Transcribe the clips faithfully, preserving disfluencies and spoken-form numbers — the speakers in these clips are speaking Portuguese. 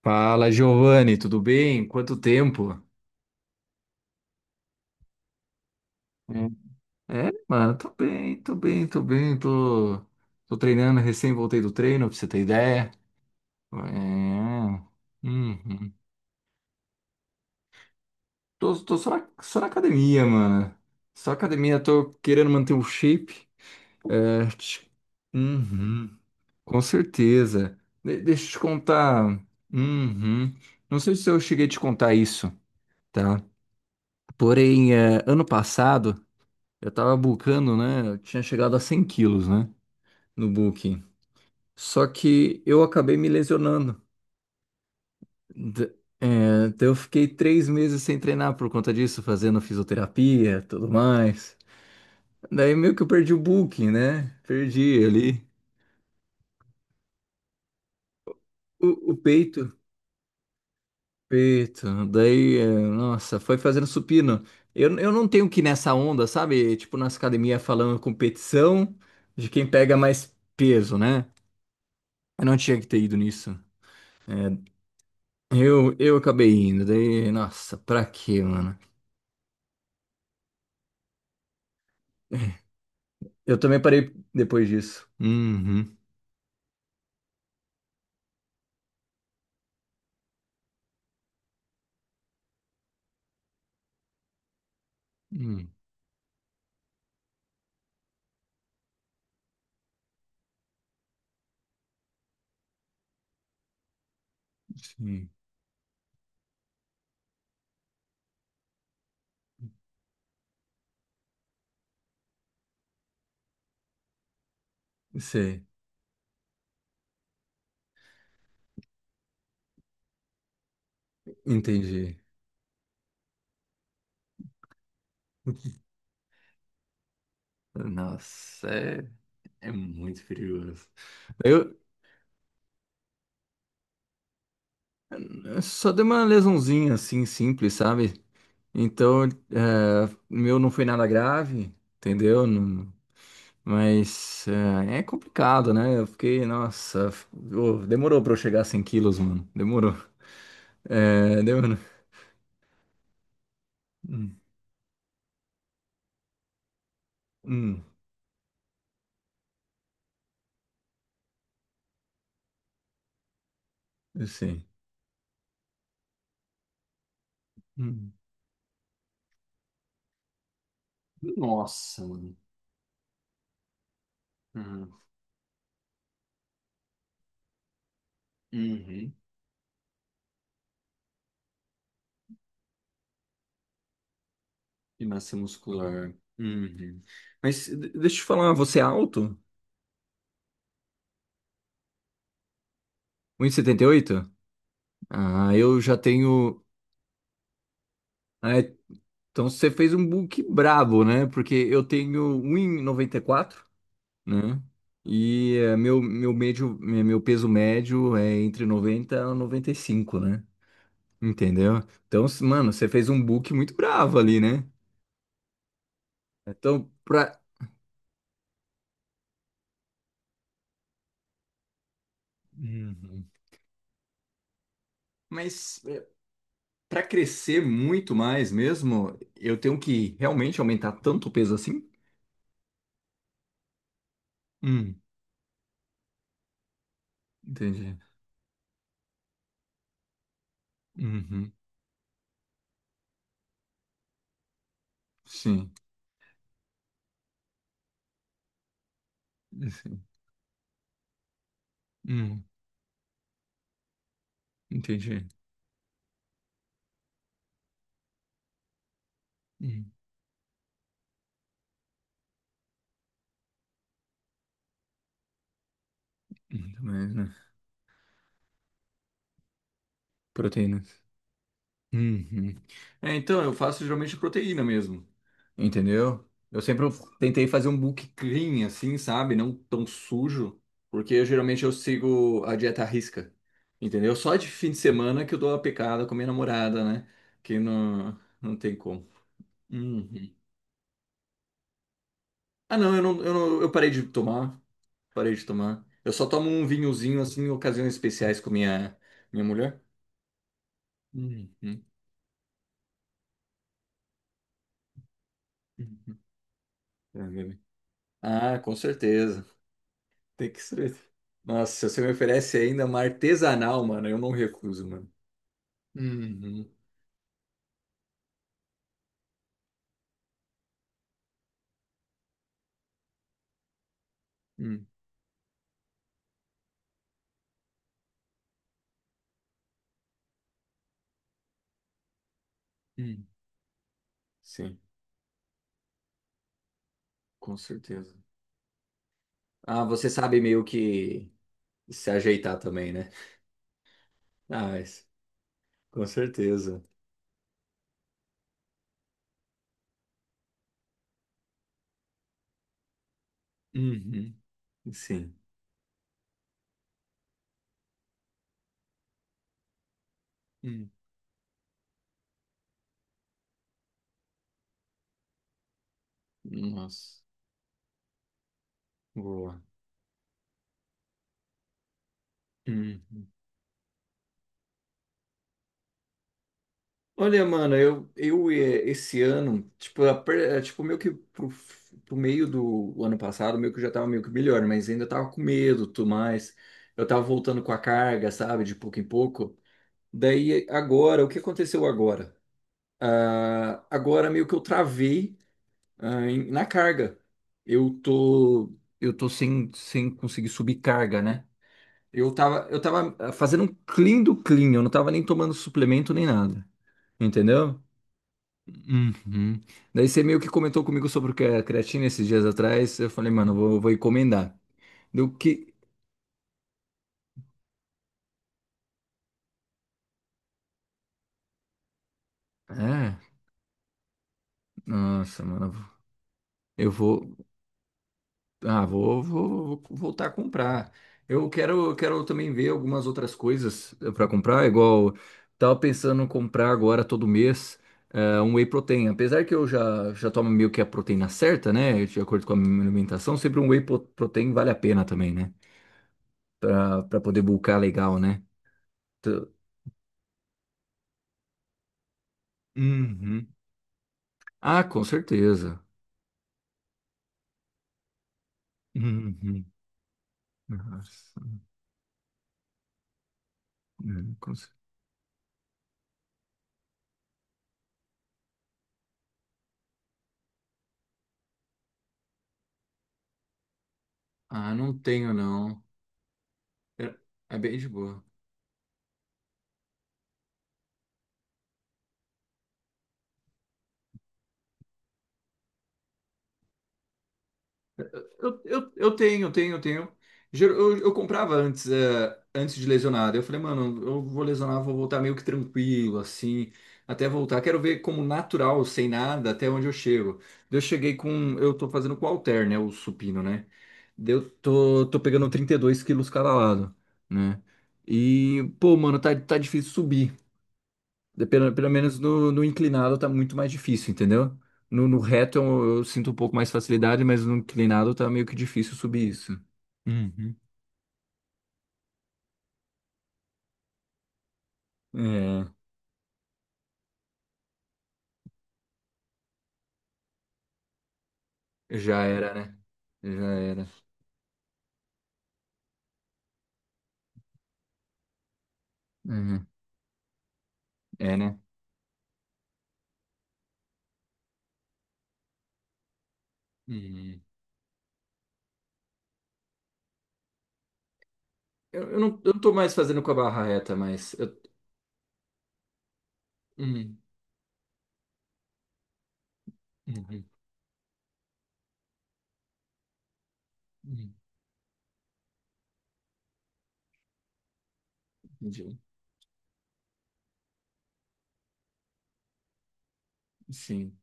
Fala, Giovanni, tudo bem? Quanto tempo? Hum. É, mano, tô bem, tô bem, tô bem, tô, tô treinando, recém voltei do treino, pra você ter ideia. É. Uhum. Tô, tô só na, só na academia, mano. Só academia, tô querendo manter o shape. É, tch- uhum, com certeza. De- deixa eu te contar. Uhum. Não sei se eu cheguei a te contar isso, tá? Porém, é, ano passado. Eu tava bulkando, né? Eu tinha chegado a cem quilos, né? No bulking. Só que eu acabei me lesionando. D- é, então eu fiquei três meses sem treinar por conta disso, fazendo fisioterapia, tudo mais. Daí meio que eu perdi o bulking, né? Perdi ali. O, o peito, peito. Daí, é, nossa, foi fazendo supino. Eu, eu não tenho que ir nessa onda, sabe? Tipo, nas academias falando competição de quem pega mais peso, né? Eu não tinha que ter ido nisso. É, Eu, eu acabei indo, daí, nossa, pra quê, mano? Eu também parei depois disso. Uhum. Hum, sim, sei, entendi. Nossa, é, é muito perigoso. Eu eu só dei uma lesãozinha assim, simples, sabe? Então, é, o meu não foi nada grave, entendeu? Não- mas é, é complicado, né? Eu fiquei, nossa, f- ô, demorou pra eu chegar a cem quilos, mano. Demorou. É, demorou. Hum, hum. Sim. Hum. Nossa, mano. Uhum. Uhum. E massa muscular. Uhum. Mas de- deixa eu te falar, você é alto? Um e setenta e oito. Ah, eu já tenho. Ah, é- então você fez um book brabo, né? Porque eu tenho um e noventa e quatro, né? E eh, meu, meu, médio, eh, meu peso médio é entre noventa e noventa e cinco, né? Entendeu? Então, mano, você fez um book muito bravo ali, né? Então, pra. Uhum. Mas. eh, para crescer muito mais mesmo, eu tenho que realmente aumentar tanto o peso assim? Hum, entendi. Uhum, sim, sim. Hum, entendi. Hum, muito mais, né? Proteínas. Uhum. É, então, eu faço geralmente proteína mesmo, entendeu? Eu sempre tentei fazer um book clean, assim, sabe? Não tão sujo, porque eu, geralmente eu sigo a dieta à risca, entendeu? Só de fim de semana que eu dou uma pecada com a minha namorada, né? Que não, não tem como. Uhum. Ah, não, eu não, eu não- eu parei de tomar, parei de tomar. Eu só tomo um vinhozinho assim em ocasiões especiais com minha minha mulher. Uhum. Uhum. Ah, meu- ah, com certeza. Tem que ser. Nossa, se você me oferece ainda uma artesanal, mano, eu não recuso, mano. Uhum. Uhum. Uhum. Sim, com certeza. Ah, você sabe meio que se ajeitar também, né? Ah, mas, com certeza. Uhum. Sim. Uhum. Nossa, boa. Uhum. Olha, mano, eu, eu eh, esse ano, tipo, a per- eh, tipo meio que pro, pro, meio do ano passado, meio que eu já tava meio que melhor, mas ainda tava com medo, tudo mais. Eu tava voltando com a carga, sabe, de pouco em pouco. Daí agora, o que aconteceu agora? Ah, agora meio que eu travei, ah, em- na carga. Eu tô, eu tô sem, sem conseguir subir carga, né? Eu tava, eu tava ah, fazendo um clean do clean, eu não tava nem tomando suplemento nem nada, entendeu? Uhum. Daí você meio que comentou comigo sobre o que é creatina esses dias atrás. Eu falei, mano, eu vou, vou encomendar. do que. É? Nossa, mano. Eu vou. Ah, vou, vou, vou voltar a comprar. Eu quero, eu quero também ver algumas outras coisas eh, pra comprar, igual tava pensando em comprar agora todo mês é, um whey protein. Apesar que eu já, já tomo meio que a proteína certa, né? De acordo com a minha alimentação, sempre um whey pro- protein vale a pena também, né? Pra pra poder bulkar legal, né? T- Uhum. Ah, com certeza. Uhum. Nossa, hum, com cer-. Ah, não tenho, não. É é bem de boa. Eu, eu, eu tenho, tenho, tenho. Ger- Eu, eu comprava antes, é, antes de lesionar. Daí Eu falei, mano, eu vou lesionar, vou voltar meio que tranquilo, assim, até voltar. Quero ver como natural, sem nada, até onde eu chego. Daí Eu cheguei com. Eu tô fazendo com o halter, né? O supino, né? Daí Eu tô, tô pegando trinta e dois quilos cada lado, né? E, pô, mano, tá, tá difícil subir. De- Pelo, pelo menos no, no inclinado tá muito mais difícil, entendeu? No, no reto eu, eu sinto um pouco mais facilidade, mas no inclinado tá meio que difícil subir isso. Uhum. É, já era, né? Já era. Uhum. É, né? Uhum. Eu, eu não, eu não tô mais fazendo com a barra reta, mas. Eu... Uhum. Uhum. Uhum. Entendi. Sim.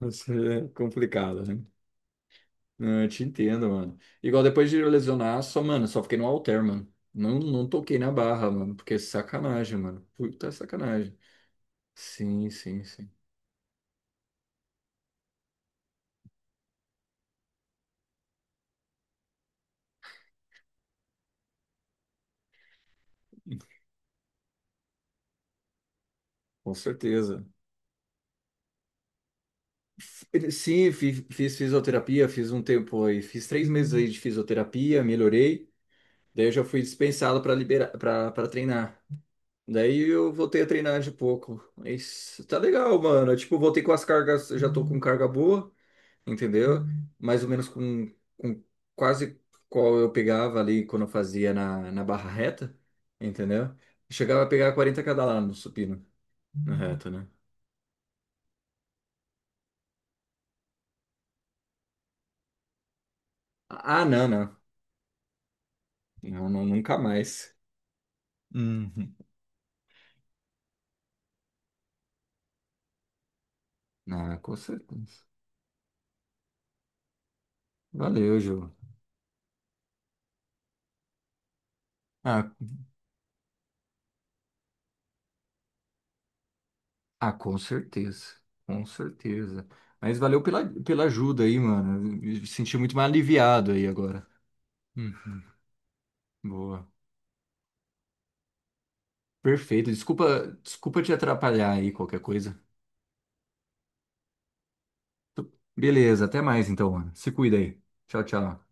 Isso é complicado, né? Não, Eu te entendo, mano. Igual depois de lesionar, só, mano, só fiquei no halter, mano. Não, não toquei na barra, mano, porque é sacanagem, mano. Puta sacanagem. Sim, sim, sim. Com certeza. F- Sim, fi- fiz fisioterapia, fiz um tempo aí, fiz três meses aí de fisioterapia, melhorei. Daí eu já fui dispensado para liberar, para treinar. Daí eu voltei a treinar de pouco. Mas tá legal, mano. Eu, tipo, voltei com as cargas, já tô com carga boa. entendeu? Mais ou menos com, com, quase qual eu pegava ali quando eu fazia na, na barra reta, entendeu? Chegava a pegar quarenta cada lá no supino, na reta, né? Ah, não, não. Não, não, nunca mais. Uhum. Ah, com certeza. Valeu, Ju. Ah, ah, com certeza. Com certeza. Mas valeu pela, pela ajuda aí, mano. Eu Me senti muito mais aliviado aí agora. Uhum. Boa. Perfeito. Desculpa, desculpa te atrapalhar aí qualquer coisa. Tu- Beleza, até mais então, mano. Se cuida aí. Tchau, tchau.